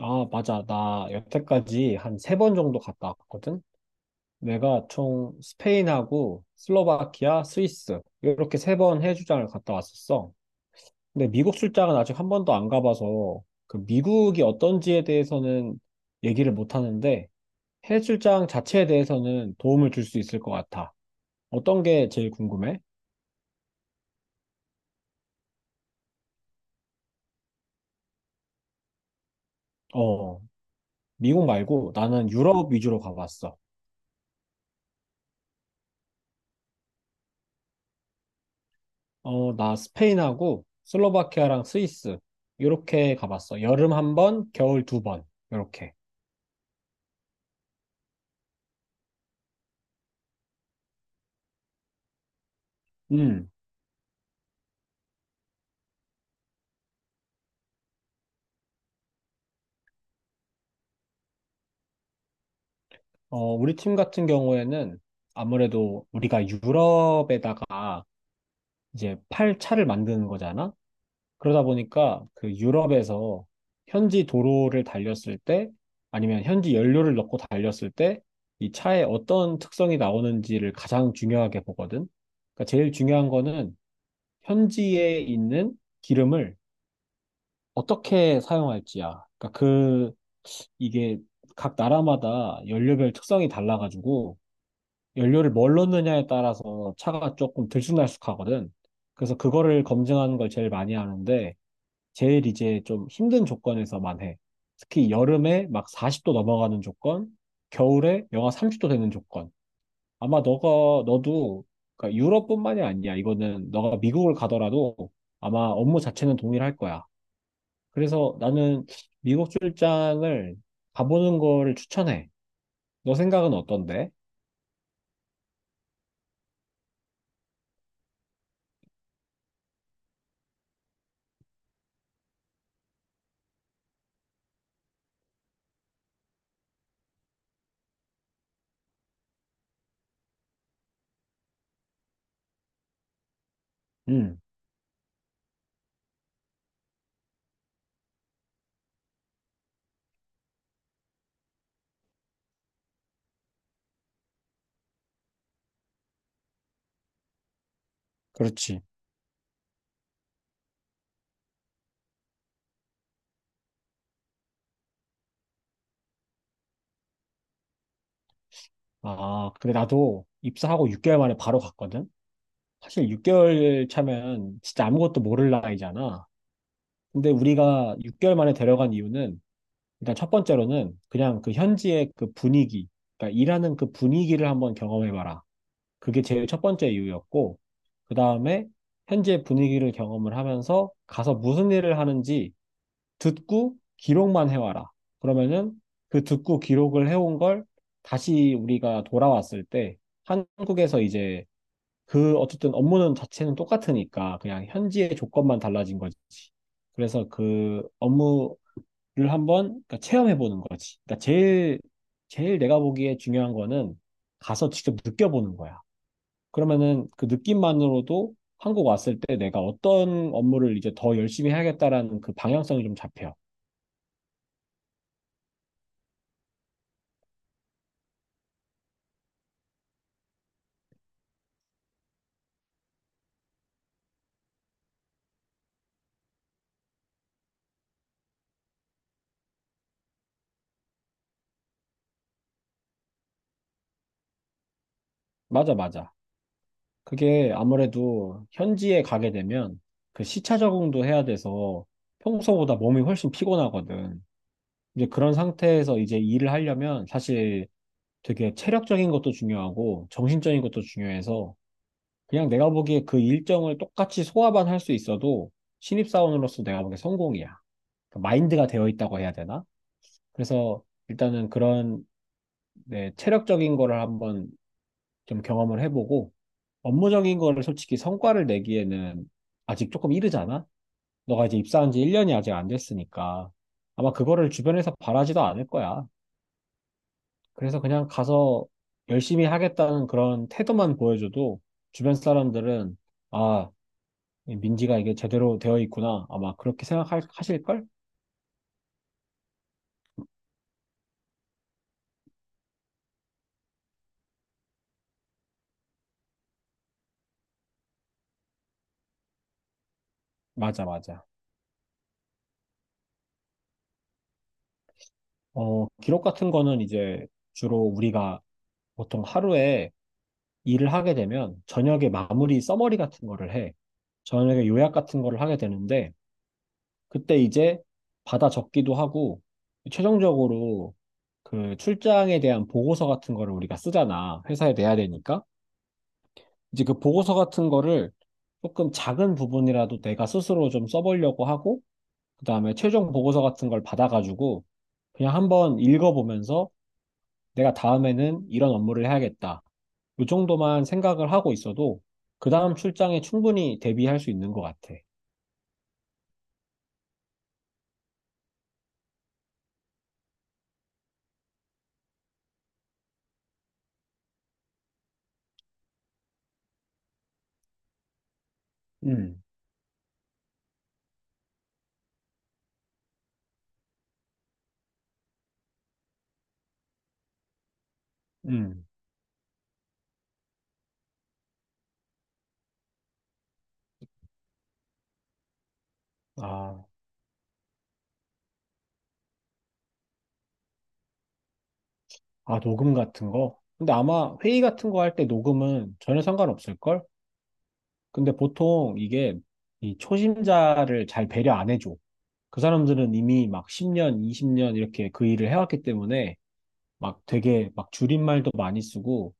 아, 맞아. 나 여태까지 한 세 번 정도 갔다 왔거든? 내가 총 스페인하고 슬로바키아, 스위스 이렇게 세 번 해외출장을 갔다 왔었어. 근데 미국 출장은 아직 한 번도 안 가봐서 그 미국이 어떤지에 대해서는 얘기를 못 하는데 해외출장 자체에 대해서는 도움을 줄 수 있을 것 같아. 어떤 게 제일 궁금해? 어, 미국 말고 나는 유럽 위주로 가봤어. 나 스페인하고 슬로바키아랑 스위스 이렇게 가봤어. 여름 한 번, 겨울 두 번. 이렇게. 음. 우리 팀 같은 경우에는 아무래도 우리가 유럽에다가 이제 팔 차를 만드는 거잖아. 그러다 보니까 그 유럽에서 현지 도로를 달렸을 때 아니면 현지 연료를 넣고 달렸을 때 이 차에 어떤 특성이 나오는지를 가장 중요하게 보거든. 그러니까 제일 중요한 거는 현지에 있는 기름을 어떻게 사용할지야. 그러니까 그 이게 각 나라마다 연료별 특성이 달라가지고 연료를 뭘 넣느냐에 따라서 차가 조금 들쑥날쑥하거든. 그래서 그거를 검증하는 걸 제일 많이 하는데 제일 이제 좀 힘든 조건에서만 해. 특히 여름에 막 40도 넘어가는 조건, 겨울에 영하 30도 되는 조건. 아마 너가 너도 그러니까 유럽뿐만이 아니야. 이거는 너가 미국을 가더라도 아마 업무 자체는 동일할 거야. 그래서 나는 미국 출장을 가보는 거를 추천해. 너 생각은 어떤데? 음, 그렇지. 아, 근데 나도 입사하고 6개월 만에 바로 갔거든? 사실 6개월 차면 진짜 아무것도 모를 나이잖아. 근데 우리가 6개월 만에 데려간 이유는 일단 첫 번째로는 그냥 그 현지의 그 분위기, 그러니까 일하는 그 분위기를 한번 경험해봐라. 그게 제일 첫 번째 이유였고, 그 다음에 현지의 분위기를 경험을 하면서 가서 무슨 일을 하는지 듣고 기록만 해와라. 그러면은 그 듣고 기록을 해온 걸 다시 우리가 돌아왔을 때 한국에서 이제 그 어쨌든 업무는 자체는 똑같으니까 그냥 현지의 조건만 달라진 거지. 그래서 그 업무를 한번 그러니까 체험해 보는 거지. 그러니까 제일 내가 보기에 중요한 거는 가서 직접 느껴보는 거야. 그러면은 그 느낌만으로도 한국 왔을 때 내가 어떤 업무를 이제 더 열심히 해야겠다라는 그 방향성이 좀 잡혀. 맞아, 맞아. 그게 아무래도 현지에 가게 되면 그 시차 적응도 해야 돼서 평소보다 몸이 훨씬 피곤하거든. 이제 그런 상태에서 이제 일을 하려면 사실 되게 체력적인 것도 중요하고 정신적인 것도 중요해서 그냥 내가 보기에 그 일정을 똑같이 소화만 할 수 있어도 신입사원으로서 내가 보기에 성공이야. 그 마인드가 되어 있다고 해야 되나? 그래서 일단은 그런 네, 체력적인 거를 한번 좀 경험을 해보고 업무적인 거를 솔직히 성과를 내기에는 아직 조금 이르잖아? 너가 이제 입사한 지 1년이 아직 안 됐으니까 아마 그거를 주변에서 바라지도 않을 거야. 그래서 그냥 가서 열심히 하겠다는 그런 태도만 보여줘도 주변 사람들은 아, 민지가 이게 제대로 되어 있구나. 아마 그렇게 생각하실걸? 맞아, 맞아. 기록 같은 거는 이제 주로 우리가 보통 하루에 일을 하게 되면 저녁에 마무리 서머리 같은 거를 해. 저녁에 요약 같은 거를 하게 되는데 그때 이제 받아 적기도 하고 최종적으로 그 출장에 대한 보고서 같은 거를 우리가 쓰잖아. 회사에 내야 되니까. 이제 그 보고서 같은 거를 조금 작은 부분이라도 내가 스스로 좀 써보려고 하고 그다음에 최종 보고서 같은 걸 받아가지고 그냥 한번 읽어보면서 내가 다음에는 이런 업무를 해야겠다. 이 정도만 생각을 하고 있어도 그 다음 출장에 충분히 대비할 수 있는 것 같아. 음, 음. 아, 녹음 같은 거? 근데 아마 회의 같은 거 할 때 녹음은 전혀 상관없을걸? 근데 보통 이게 이 초심자를 잘 배려 안 해줘. 그 사람들은 이미 막 10년, 20년 이렇게 그 일을 해왔기 때문에 막 되게 막 줄임말도 많이 쓰고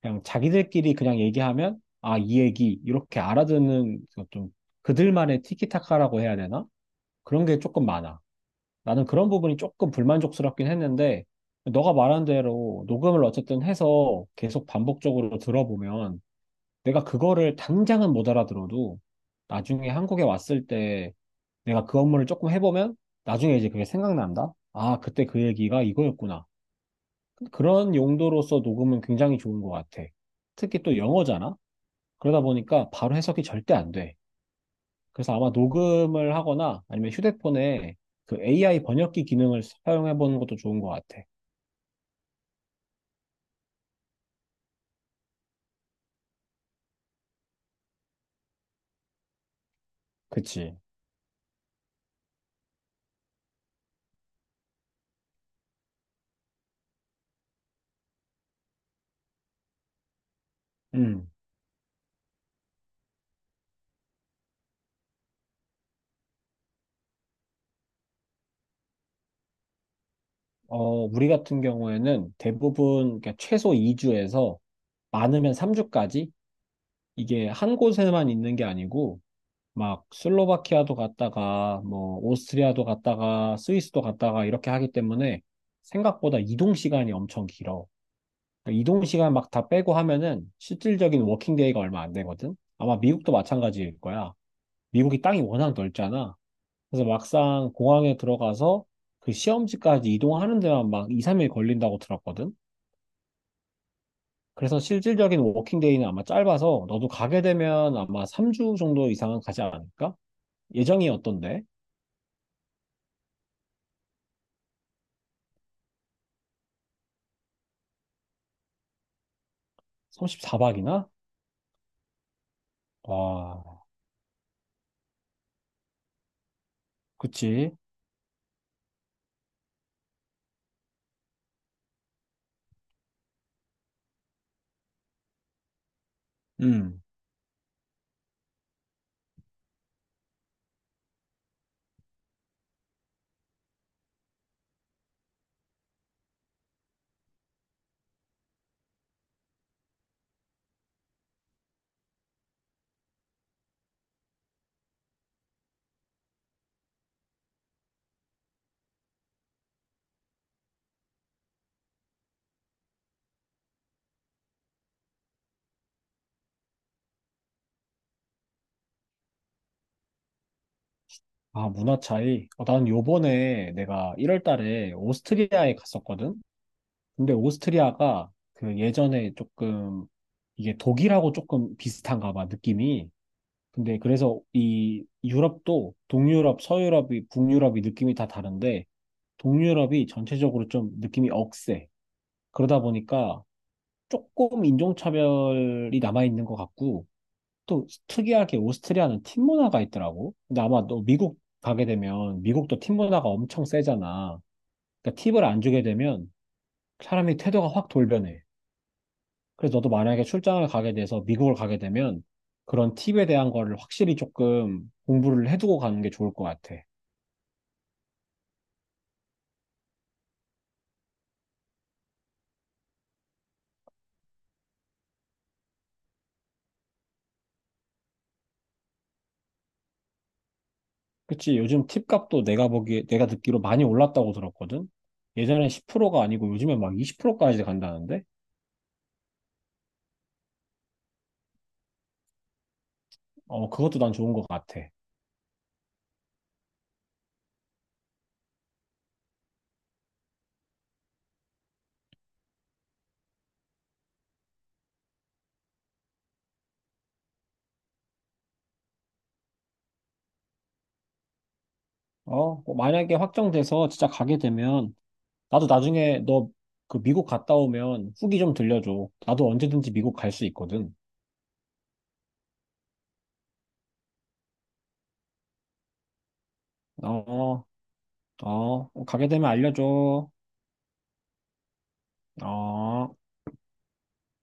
그냥 자기들끼리 그냥 얘기하면 아, 이 얘기 이렇게 알아듣는 좀 그들만의 티키타카라고 해야 되나? 그런 게 조금 많아. 나는 그런 부분이 조금 불만족스럽긴 했는데, 너가 말한 대로 녹음을 어쨌든 해서 계속 반복적으로 들어보면, 내가 그거를 당장은 못 알아들어도, 나중에 한국에 왔을 때 내가 그 업무를 조금 해보면, 나중에 이제 그게 생각난다? 아, 그때 그 얘기가 이거였구나. 그런 용도로서 녹음은 굉장히 좋은 것 같아. 특히 또 영어잖아? 그러다 보니까 바로 해석이 절대 안 돼. 그래서 아마 녹음을 하거나 아니면 휴대폰에 그 AI 번역기 기능을 사용해 보는 것도 좋은 것 같아. 그치? 음. 우리 같은 경우에는 대부분 그러니까 최소 2주에서 많으면 3주까지 이게 한 곳에만 있는 게 아니고 막 슬로바키아도 갔다가 뭐 오스트리아도 갔다가 스위스도 갔다가 이렇게 하기 때문에 생각보다 이동 시간이 엄청 길어. 그러니까 이동 시간 막 다 빼고 하면은 실질적인 워킹 데이가 얼마 안 되거든. 아마 미국도 마찬가지일 거야. 미국이 땅이 워낙 넓잖아. 그래서 막상 공항에 들어가서 그 시험지까지 이동하는 데만 막 2, 3일 걸린다고 들었거든. 그래서 실질적인 워킹데이는 아마 짧아서 너도 가게 되면 아마 3주 정도 이상은 가지 않을까? 예정이 어떤데? 34박이나? 와, 그치. 음. 아, 문화 차이. 난 요번에 내가 1월 달에 오스트리아에 갔었거든. 근데 오스트리아가 그 예전에 조금 이게 독일하고 조금 비슷한가 봐, 느낌이. 근데 그래서 이 유럽도 동유럽, 서유럽이, 북유럽이 느낌이 다 다른데 동유럽이 전체적으로 좀 느낌이 억세. 그러다 보니까 조금 인종차별이 남아있는 것 같고 또 특이하게 오스트리아는 팀 문화가 있더라고. 근데 아마 너 미국 가게 되면 미국도 팀 문화가 엄청 세잖아. 그러니까 팁을 안 주게 되면 사람이 태도가 확 돌변해. 그래서 너도 만약에 출장을 가게 돼서 미국을 가게 되면 그런 팁에 대한 거를 확실히 조금 공부를 해두고 가는 게 좋을 것 같아. 그치? 요즘 팁 값도 내가 보기 내가 듣기로 많이 올랐다고 들었거든? 예전에 10%가 아니고 요즘엔 막 20%까지 간다는데? 어, 그것도 난 좋은 것 같아. 뭐 만약에 확정돼서 진짜 가게 되면 나도 나중에 너 그 미국 갔다 오면 후기 좀 들려줘. 나도 언제든지 미국 갈 수 있거든. 어, 가게 되면 알려줘. 어.